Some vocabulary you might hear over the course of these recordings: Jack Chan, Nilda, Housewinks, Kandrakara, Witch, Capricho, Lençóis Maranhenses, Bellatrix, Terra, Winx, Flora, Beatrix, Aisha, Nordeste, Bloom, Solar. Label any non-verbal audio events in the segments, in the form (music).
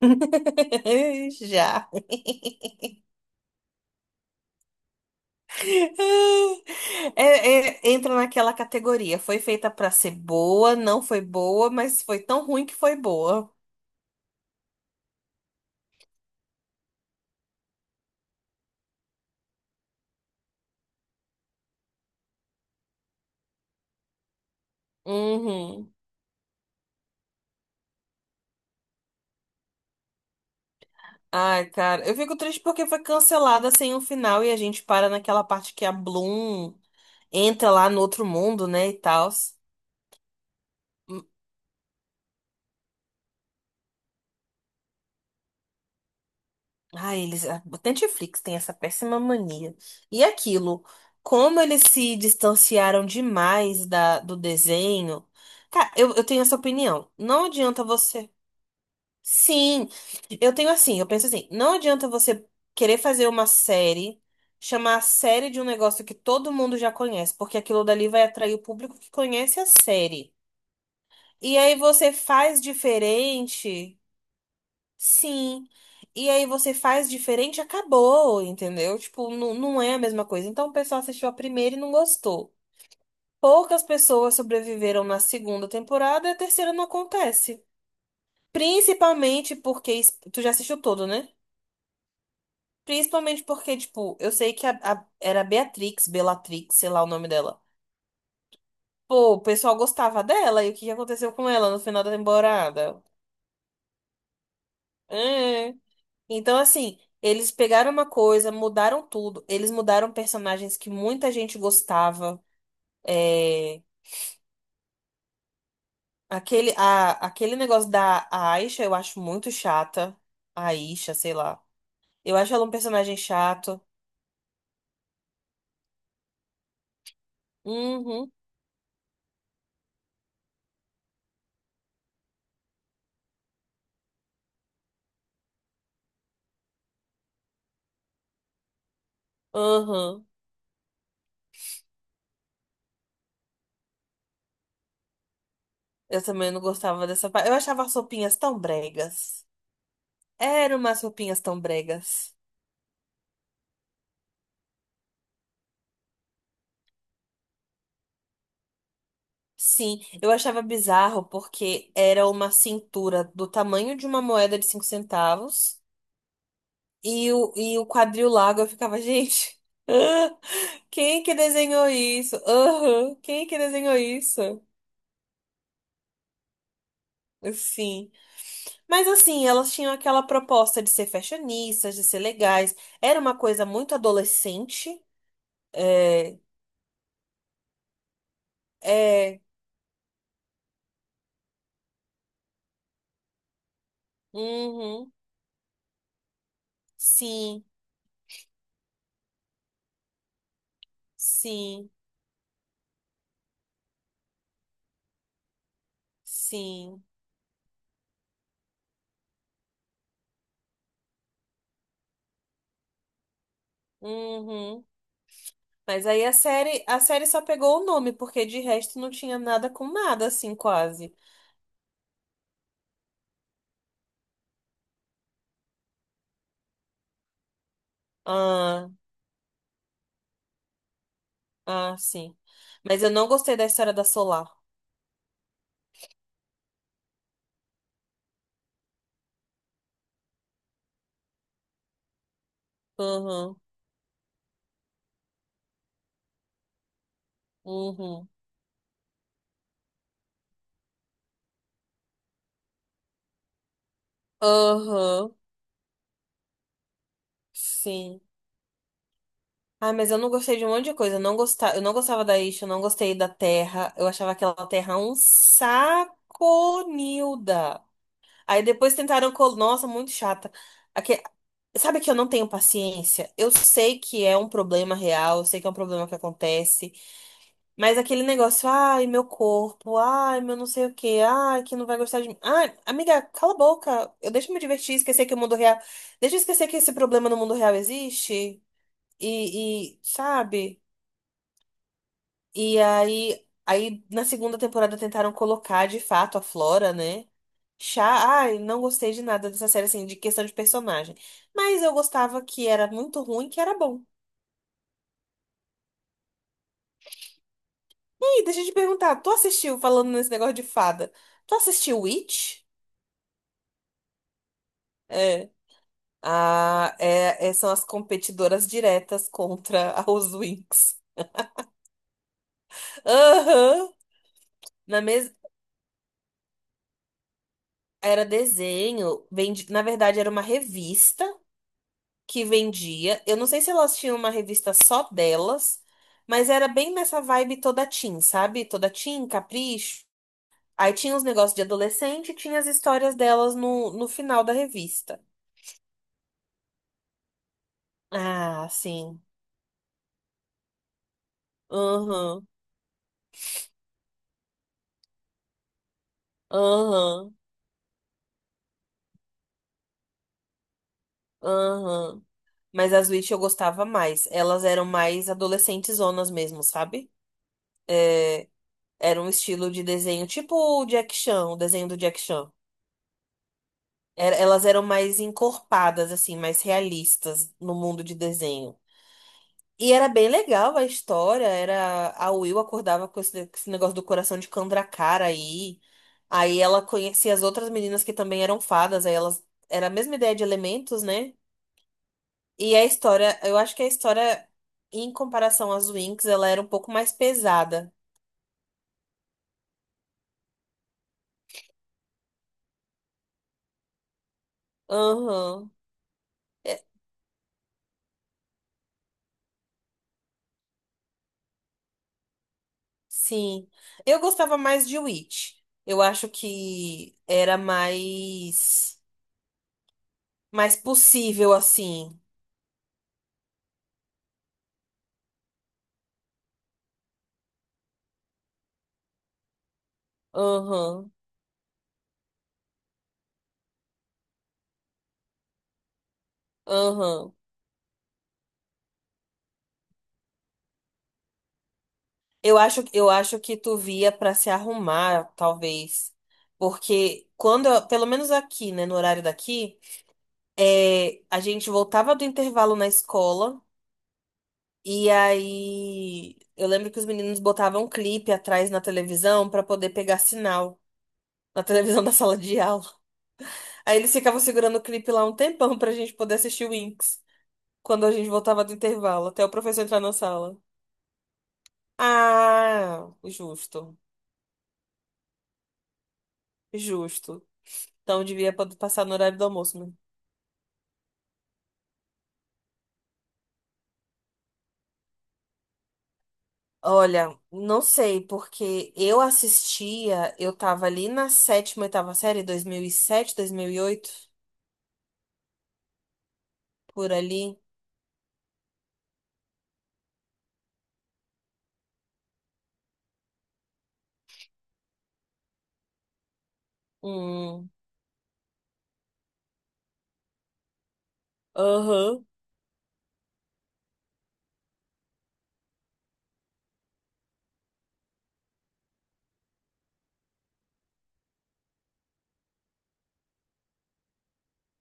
(laughs) Já. É, é, entra naquela categoria. Foi feita pra ser boa, não foi boa, mas foi tão ruim que foi boa. Uhum. Ai, cara, eu fico triste porque foi cancelada sem um final e a gente para naquela parte que a Bloom entra lá no outro mundo, né, e tal. Ah, eles. O Netflix tem essa péssima mania. E aquilo, como eles se distanciaram demais do desenho. Cara, eu tenho essa opinião. Não adianta você. Sim, eu tenho assim, eu penso assim, não adianta você querer fazer uma série, chamar a série de um negócio que todo mundo já conhece, porque aquilo dali vai atrair o público que conhece a série. E aí você faz diferente. Sim. E aí você faz diferente, acabou, entendeu? Tipo, não, não é a mesma coisa. Então o pessoal assistiu a primeira e não gostou. Poucas pessoas sobreviveram na segunda temporada e a terceira não acontece. Tu já assistiu todo, né? Principalmente porque, tipo, eu sei que era Beatrix, Bellatrix, sei lá o nome dela. Pô, o pessoal gostava dela e o que que aconteceu com ela no final da temporada? É. Então, assim, eles pegaram uma coisa, mudaram tudo. Eles mudaram personagens que muita gente gostava. É, aquele negócio da Aisha, eu acho muito chata. A Aisha, sei lá. Eu acho ela um personagem chato. Uhum, uhum. Eu também não gostava dessa parte. Eu achava as roupinhas tão bregas. Eram umas roupinhas tão bregas. Sim, eu achava bizarro porque era uma cintura do tamanho de uma moeda de 5 centavos. E o quadril lago, eu ficava, gente, (laughs) ah, quem que desenhou isso? Aham, quem que desenhou isso? Sim. Mas assim, elas tinham aquela proposta de ser fashionistas, de ser legais. Era uma coisa muito adolescente. É, é, uhum, sim, sim, sim, uhum. Mas aí a série só pegou o nome, porque de resto não tinha nada com nada, assim, quase. Ah, sim. Mas eu não gostei da história da Solar. Uhum, uhum, uhum, sim. Ah, mas eu não gostei de um monte de coisa. Eu não gostava da Isha, eu não gostei da Terra. Eu achava aquela Terra um saco, Nilda. Aí depois tentaram. Nossa, muito chata. Aque- Sabe que eu não tenho paciência? Eu sei que é um problema real, eu sei que é um problema que acontece. Mas aquele negócio, ai, meu corpo, ai, meu não sei o quê, ai, que não vai gostar de mim. Ai, amiga, cala a boca. Eu deixa eu me divertir, esquecer que o mundo real. Deixa eu esquecer que esse problema no mundo real existe. E, sabe? E aí, na segunda temporada tentaram colocar de fato a Flora, né? Chá, ai, não gostei de nada dessa série, assim, de questão de personagem. Mas eu gostava que era muito ruim, que era bom. E aí, deixa eu te perguntar, tu assistiu, falando nesse negócio de fada, tu assistiu Witch? Ah, são as competidoras diretas contra (laughs) a Housewinks. Aham. Na mes... Era desenho, na verdade era uma revista que vendia. Eu não sei se elas tinham uma revista só delas, mas era bem nessa vibe toda teen, sabe? Toda teen, capricho. Aí tinha os negócios de adolescente e tinha as histórias delas no final da revista. Ah, sim. Aham, aham, aham. Mas as Witch eu gostava mais. Elas eram mais adolescentezonas mesmo, sabe? É, era um estilo de desenho tipo o Jack Chan, o desenho do Jack Chan. Elas eram mais encorpadas, assim, mais realistas no mundo de desenho. E era bem legal a história. Era a Will acordava com esse negócio do coração de Kandrakara aí. Aí ela conhecia as outras meninas que também eram fadas. Aí elas era a mesma ideia de elementos, né? E a história, eu acho que a história, em comparação às Winx, ela era um pouco mais pesada. Aham. É, sim. Eu gostava mais de Witch. Eu acho que era mais possível, assim. Aham. Aham. Eu acho que tu via pra se arrumar, talvez. Porque pelo menos aqui, né, no horário daqui, é, a gente voltava do intervalo na escola. E aí, eu lembro que os meninos botavam um clipe atrás na televisão pra poder pegar sinal na televisão da sala de aula. Aí eles ficavam segurando o clipe lá um tempão pra gente poder assistir o Winx quando a gente voltava do intervalo, até o professor entrar na sala. Ah, justo, justo. Então devia passar no horário do almoço, né? Olha, não sei, porque eu assistia, eu tava ali na sétima, oitava série, 2007 2008 por ali. Hum. Aham.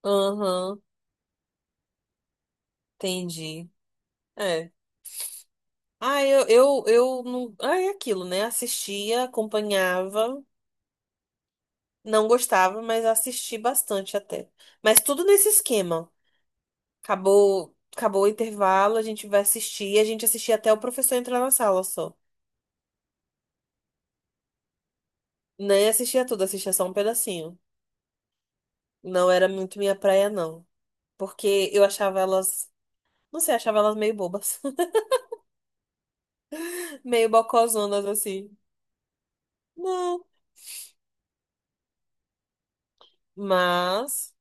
Aham, entendi. É. Ah, eu não. Ah, é aquilo, né? Assistia, acompanhava, não gostava, mas assisti bastante até. Mas tudo nesse esquema. Acabou, acabou o intervalo, a gente vai assistir, a gente assistia até o professor entrar na sala só. Nem assistia tudo, assistia só um pedacinho. Não era muito minha praia, não. Porque eu achava elas. Não sei, achava elas meio bobas. (laughs) Meio bocozonas assim. Não. Mas.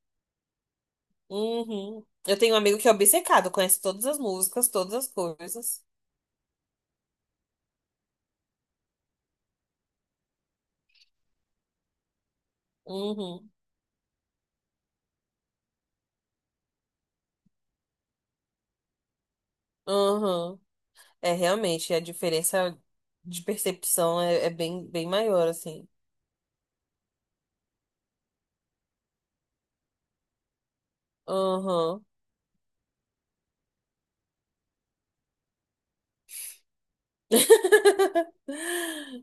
Uhum. Eu tenho um amigo que é obcecado, conhece todas as músicas, todas as coisas. Uhum. Uhum. É realmente, a diferença de percepção é bem maior, assim. Uhum. (laughs)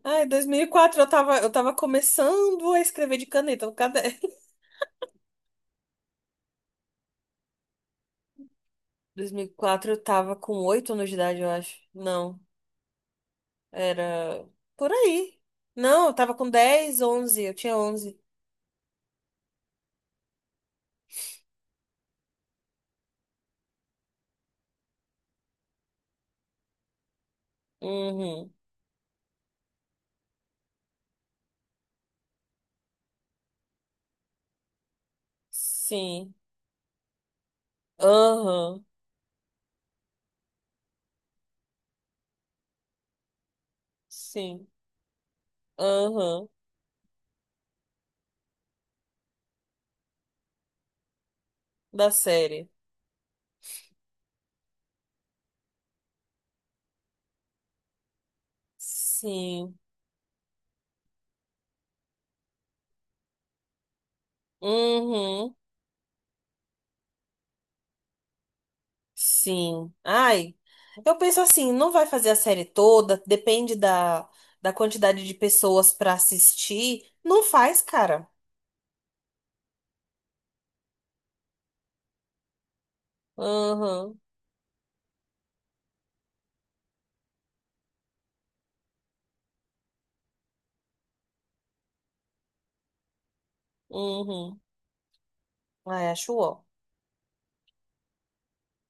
Ai, 2004 eu tava, começando a escrever de caneta no caderno. (laughs) 2004 eu tava com 8 anos de idade, eu acho. Não, era por aí. Não, eu tava com 10 11 eu tinha 11. Uhum. Sim. Aham. Sim. Aham. Da série. Sim. Uhum. Sim. Ai, eu penso assim, não vai fazer a série toda, depende da quantidade de pessoas pra assistir. Não faz, cara. Uhum. Uhum. Ai, acho ó.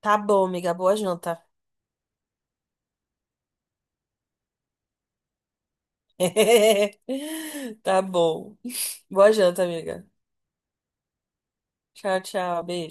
Tá bom, amiga. Boa janta. (laughs) Tá bom. Boa janta, amiga. Tchau, tchau. Beijo.